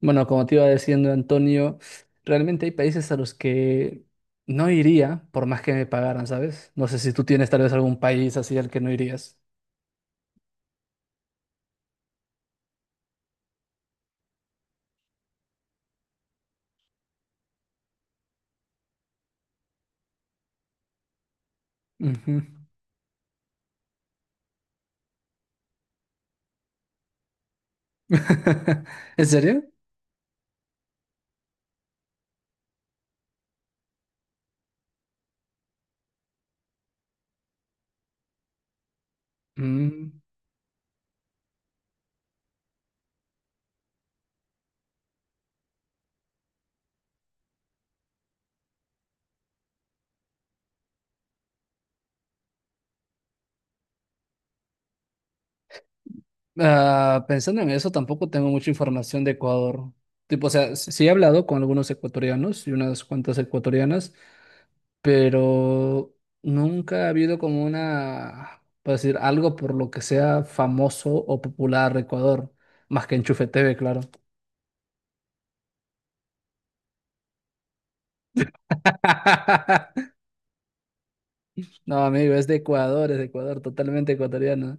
Bueno, como te iba diciendo, Antonio, realmente hay países a los que no iría por más que me pagaran, ¿sabes? No sé si tú tienes tal vez algún país así al que no irías. Ujú. ¿En serio? Mm. Ah, pensando en eso, tampoco tengo mucha información de Ecuador. Tipo, o sea, sí he hablado con algunos ecuatorianos y unas cuantas ecuatorianas, pero nunca ha habido como una, por decir, algo por lo que sea famoso o popular Ecuador, más que Enchufe TV, claro. No, amigo, es de Ecuador, totalmente ecuatoriano.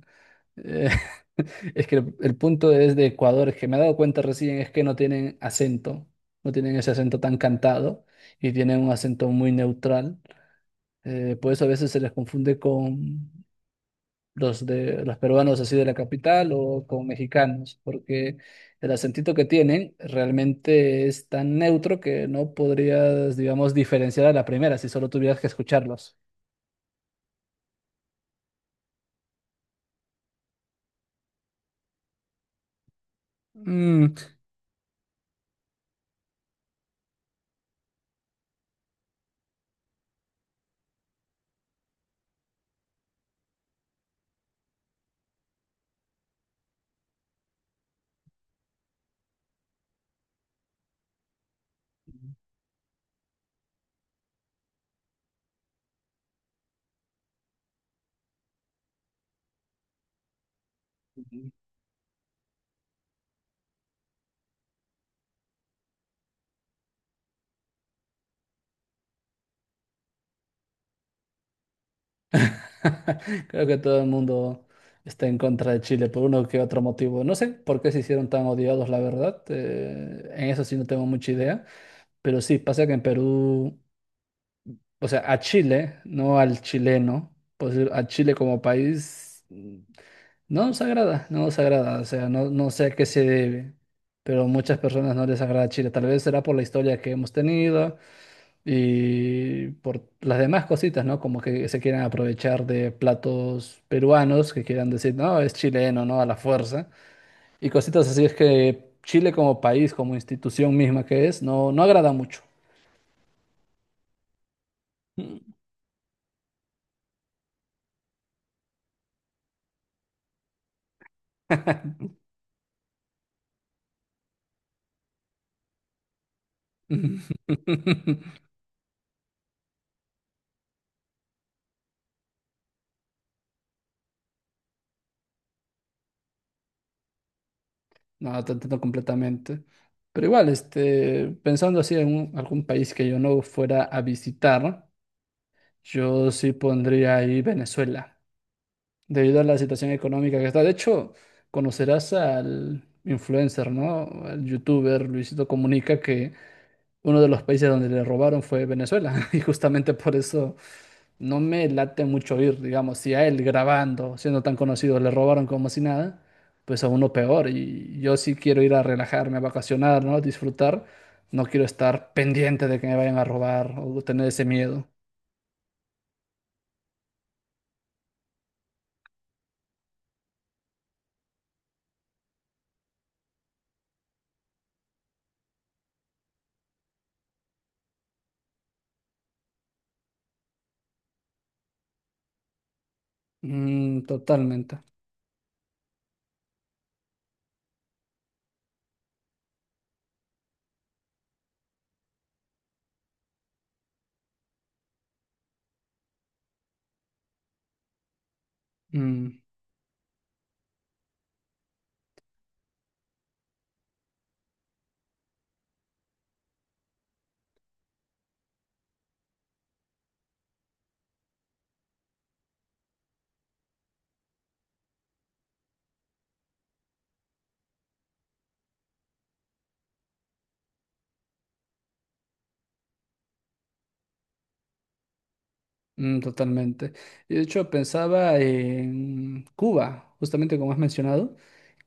Eh, es que el punto es de Ecuador, es que me he dado cuenta recién, es que no tienen acento, no tienen ese acento tan cantado y tienen un acento muy neutral. Por eso a veces se les confunde con los de los peruanos así de la capital o con mexicanos, porque el acentito que tienen realmente es tan neutro que no podrías, digamos, diferenciar a la primera si solo tuvieras que escucharlos. Mm. Creo que todo el mundo está en contra de Chile por uno que otro motivo. No sé por qué se hicieron tan odiados, la verdad. En eso sí no tengo mucha idea. Pero sí, pasa que en Perú, o sea, a Chile, no al chileno, pues a Chile como país. No nos agrada, no nos agrada, o sea, no, no sé a qué se debe, pero muchas personas no les agrada Chile. Tal vez será por la historia que hemos tenido y por las demás cositas, ¿no? Como que se quieran aprovechar de platos peruanos, que quieran decir, no, es chileno, ¿no? A la fuerza. Y cositas así es que Chile como país, como institución misma que es, no, no agrada mucho. Mm, no, te entiendo completamente. Pero igual, este, pensando así en algún país que yo no fuera a visitar, yo sí pondría ahí Venezuela, debido a la situación económica que está. De hecho, conocerás al influencer, ¿no? Al youtuber Luisito Comunica, que uno de los países donde le robaron fue Venezuela. Y justamente por eso no me late mucho ir, digamos, si a él grabando, siendo tan conocido, le robaron como si nada, pues a uno peor. Y yo sí quiero ir a relajarme, a vacacionar, ¿no? Disfrutar. No quiero estar pendiente de que me vayan a robar o tener ese miedo. Mm, totalmente. Mm, mm, totalmente. Y de hecho, pensaba en Cuba, justamente como has mencionado,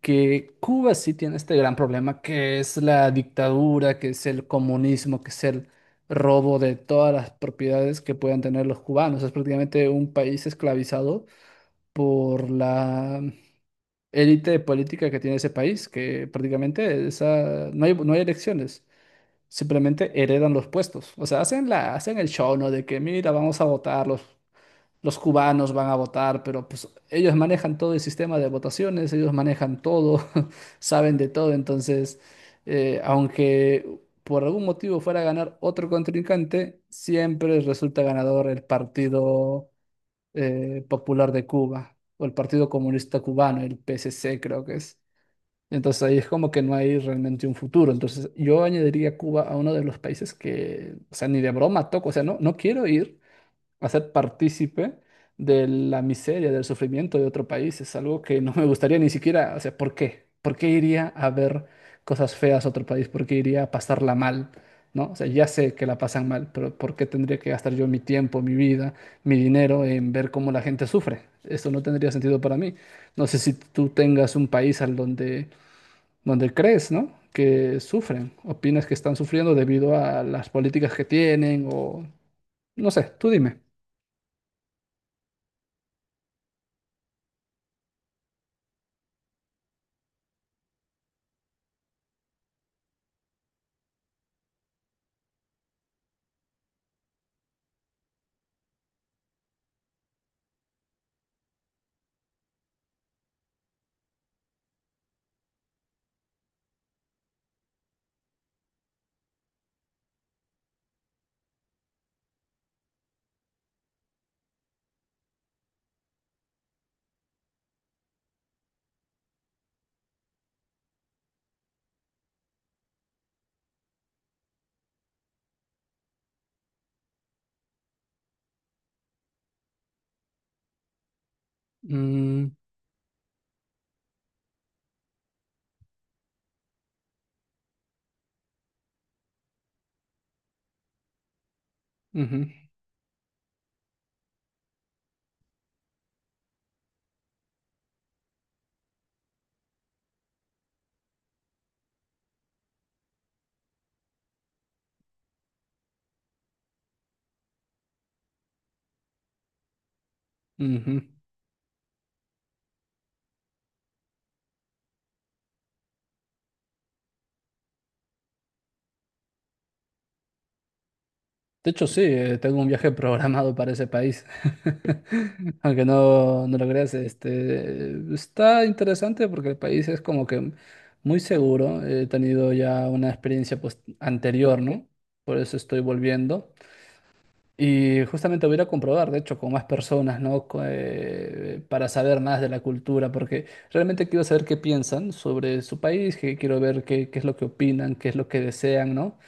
que Cuba sí tiene este gran problema que es la dictadura, que es el comunismo, que es el robo de todas las propiedades que puedan tener los cubanos. Es prácticamente un país esclavizado por la élite política que tiene ese país, que prácticamente esa, no hay elecciones, simplemente heredan los puestos. O sea, hacen el show, ¿no? De que, mira, vamos a votarlos. Los cubanos van a votar, pero pues ellos manejan todo el sistema de votaciones, ellos manejan todo, saben de todo, entonces, aunque por algún motivo fuera a ganar otro contrincante, siempre resulta ganador el Partido Popular de Cuba o el Partido Comunista Cubano, el PSC creo que es. Entonces ahí es como que no hay realmente un futuro. Entonces yo añadiría Cuba a uno de los países que, o sea, ni de broma toco, o sea, no, no quiero ir hacer partícipe de la miseria, del sufrimiento de otro país. Es algo que no me gustaría ni siquiera, o sea, ¿por qué? ¿Por qué iría a ver cosas feas a otro país? ¿Por qué iría a pasarla mal? ¿No? O sea, ya sé que la pasan mal, pero ¿por qué tendría que gastar yo mi tiempo, mi vida, mi dinero en ver cómo la gente sufre? Esto no tendría sentido para mí. No sé si tú tengas un país donde crees, ¿no?, que sufren, opinas que están sufriendo debido a las políticas que tienen o no sé, tú dime. Mm, ujú, ujú. De hecho, sí, tengo un viaje programado para ese país. Aunque no, no lo creas, este, está interesante porque el país es como que muy seguro. He tenido ya una experiencia, pues, anterior, ¿no? Por eso estoy volviendo. Y justamente voy a ir a comprobar, de hecho, con más personas, ¿no? Para saber más de la cultura, porque realmente quiero saber qué piensan sobre su país, que quiero ver qué es lo que opinan, qué es lo que desean, ¿no?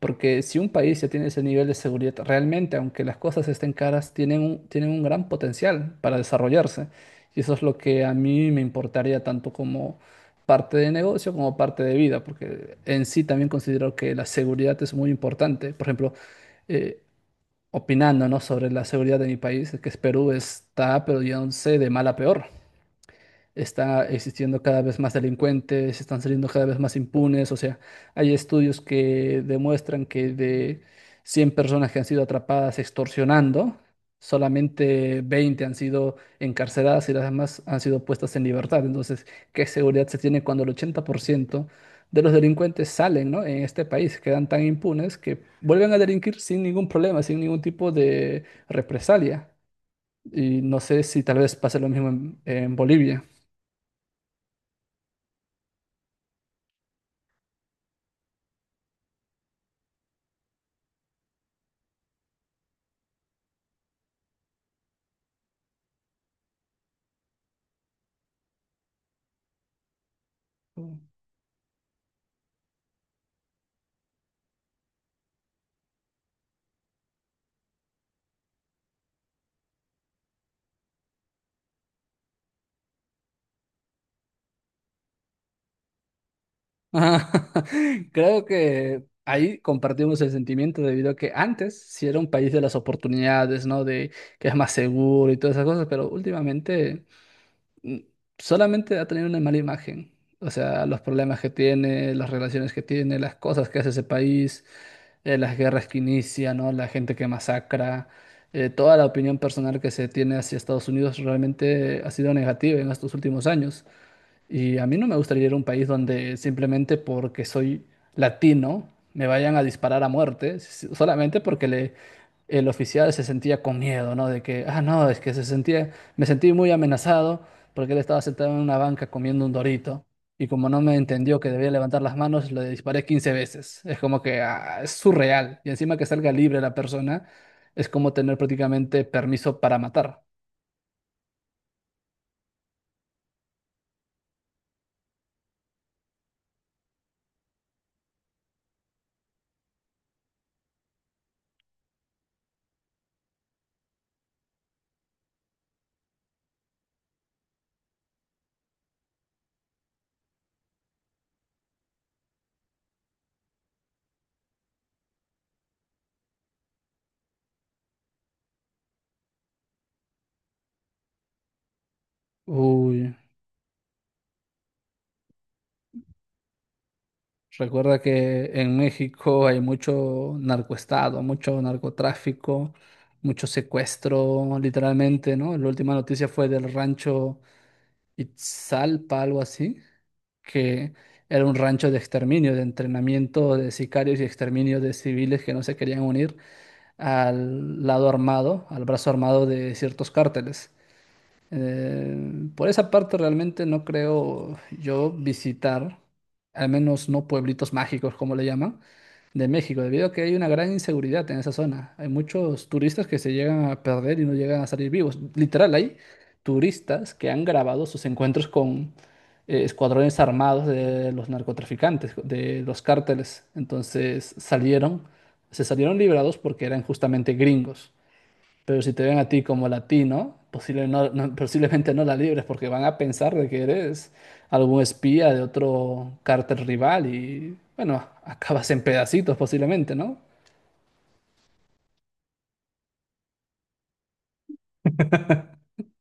Porque si un país ya tiene ese nivel de seguridad, realmente, aunque las cosas estén caras, tienen un gran potencial para desarrollarse. Y eso es lo que a mí me importaría tanto como parte de negocio como parte de vida, porque en sí también considero que la seguridad es muy importante. Por ejemplo, eh, opinando, ¿no?, sobre la seguridad de mi país, que es Perú, está, pero ya no sé, de mal a peor, está existiendo cada vez más delincuentes, están saliendo cada vez más impunes, o sea, hay estudios que demuestran que de 100 personas que han sido atrapadas extorsionando, solamente 20 han sido encarceladas y las demás han sido puestas en libertad. Entonces, ¿qué seguridad se tiene cuando el 80% de los delincuentes salen? ¿No? En este país quedan tan impunes que vuelven a delinquir sin ningún problema, sin ningún tipo de represalia. Y no sé si tal vez pase lo mismo en Bolivia. Ajá. Creo que ahí compartimos el sentimiento debido a que antes sí era un país de las oportunidades, ¿no? De que es más seguro y todas esas cosas, pero últimamente mm, solamente ha tenido una mala imagen. O sea, los problemas que tiene, las relaciones que tiene, las cosas que hace ese país, las guerras que inicia, ¿no? La gente que masacra, toda la opinión personal que se tiene hacia Estados Unidos realmente ha sido negativa en estos últimos años. Y a mí no me gustaría ir a un país donde simplemente porque soy latino me vayan a disparar a muerte, solamente porque el oficial se sentía con miedo, ¿no? De que, ah, no, es que se sentía, me sentí muy amenazado porque él estaba sentado en una banca comiendo un dorito. Y como no me entendió que debía levantar las manos, le disparé 15 veces. Es como que ah, es surreal. Y encima que salga libre la persona, es como tener prácticamente permiso para matar. Uy. Recuerda que en México hay mucho narcoestado, mucho narcotráfico, mucho secuestro, literalmente, ¿no? La última noticia fue del rancho Itzalpa, algo así, que era un rancho de exterminio, de entrenamiento de sicarios y exterminio de civiles que no se querían unir al brazo armado de ciertos cárteles. Eh, por esa parte realmente no creo yo visitar, al menos no pueblitos mágicos, como le llaman, de México, debido a que hay una gran inseguridad en esa zona. Hay muchos turistas que se llegan a perder y no llegan a salir vivos. Literal, hay turistas que han grabado sus encuentros con escuadrones armados de los narcotraficantes, de los cárteles. Se salieron liberados porque eran justamente gringos. Pero si te ven a ti como latino, posiblemente no la libres porque van a pensar de que eres algún espía de otro cártel rival y, bueno, acabas en pedacitos posiblemente, ¿no?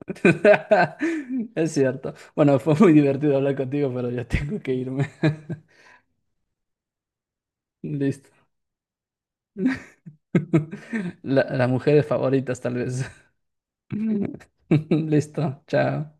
Es cierto. Bueno, fue muy divertido hablar contigo, pero ya tengo que irme. Listo. Las mujeres favoritas, tal vez. Listo. Chao.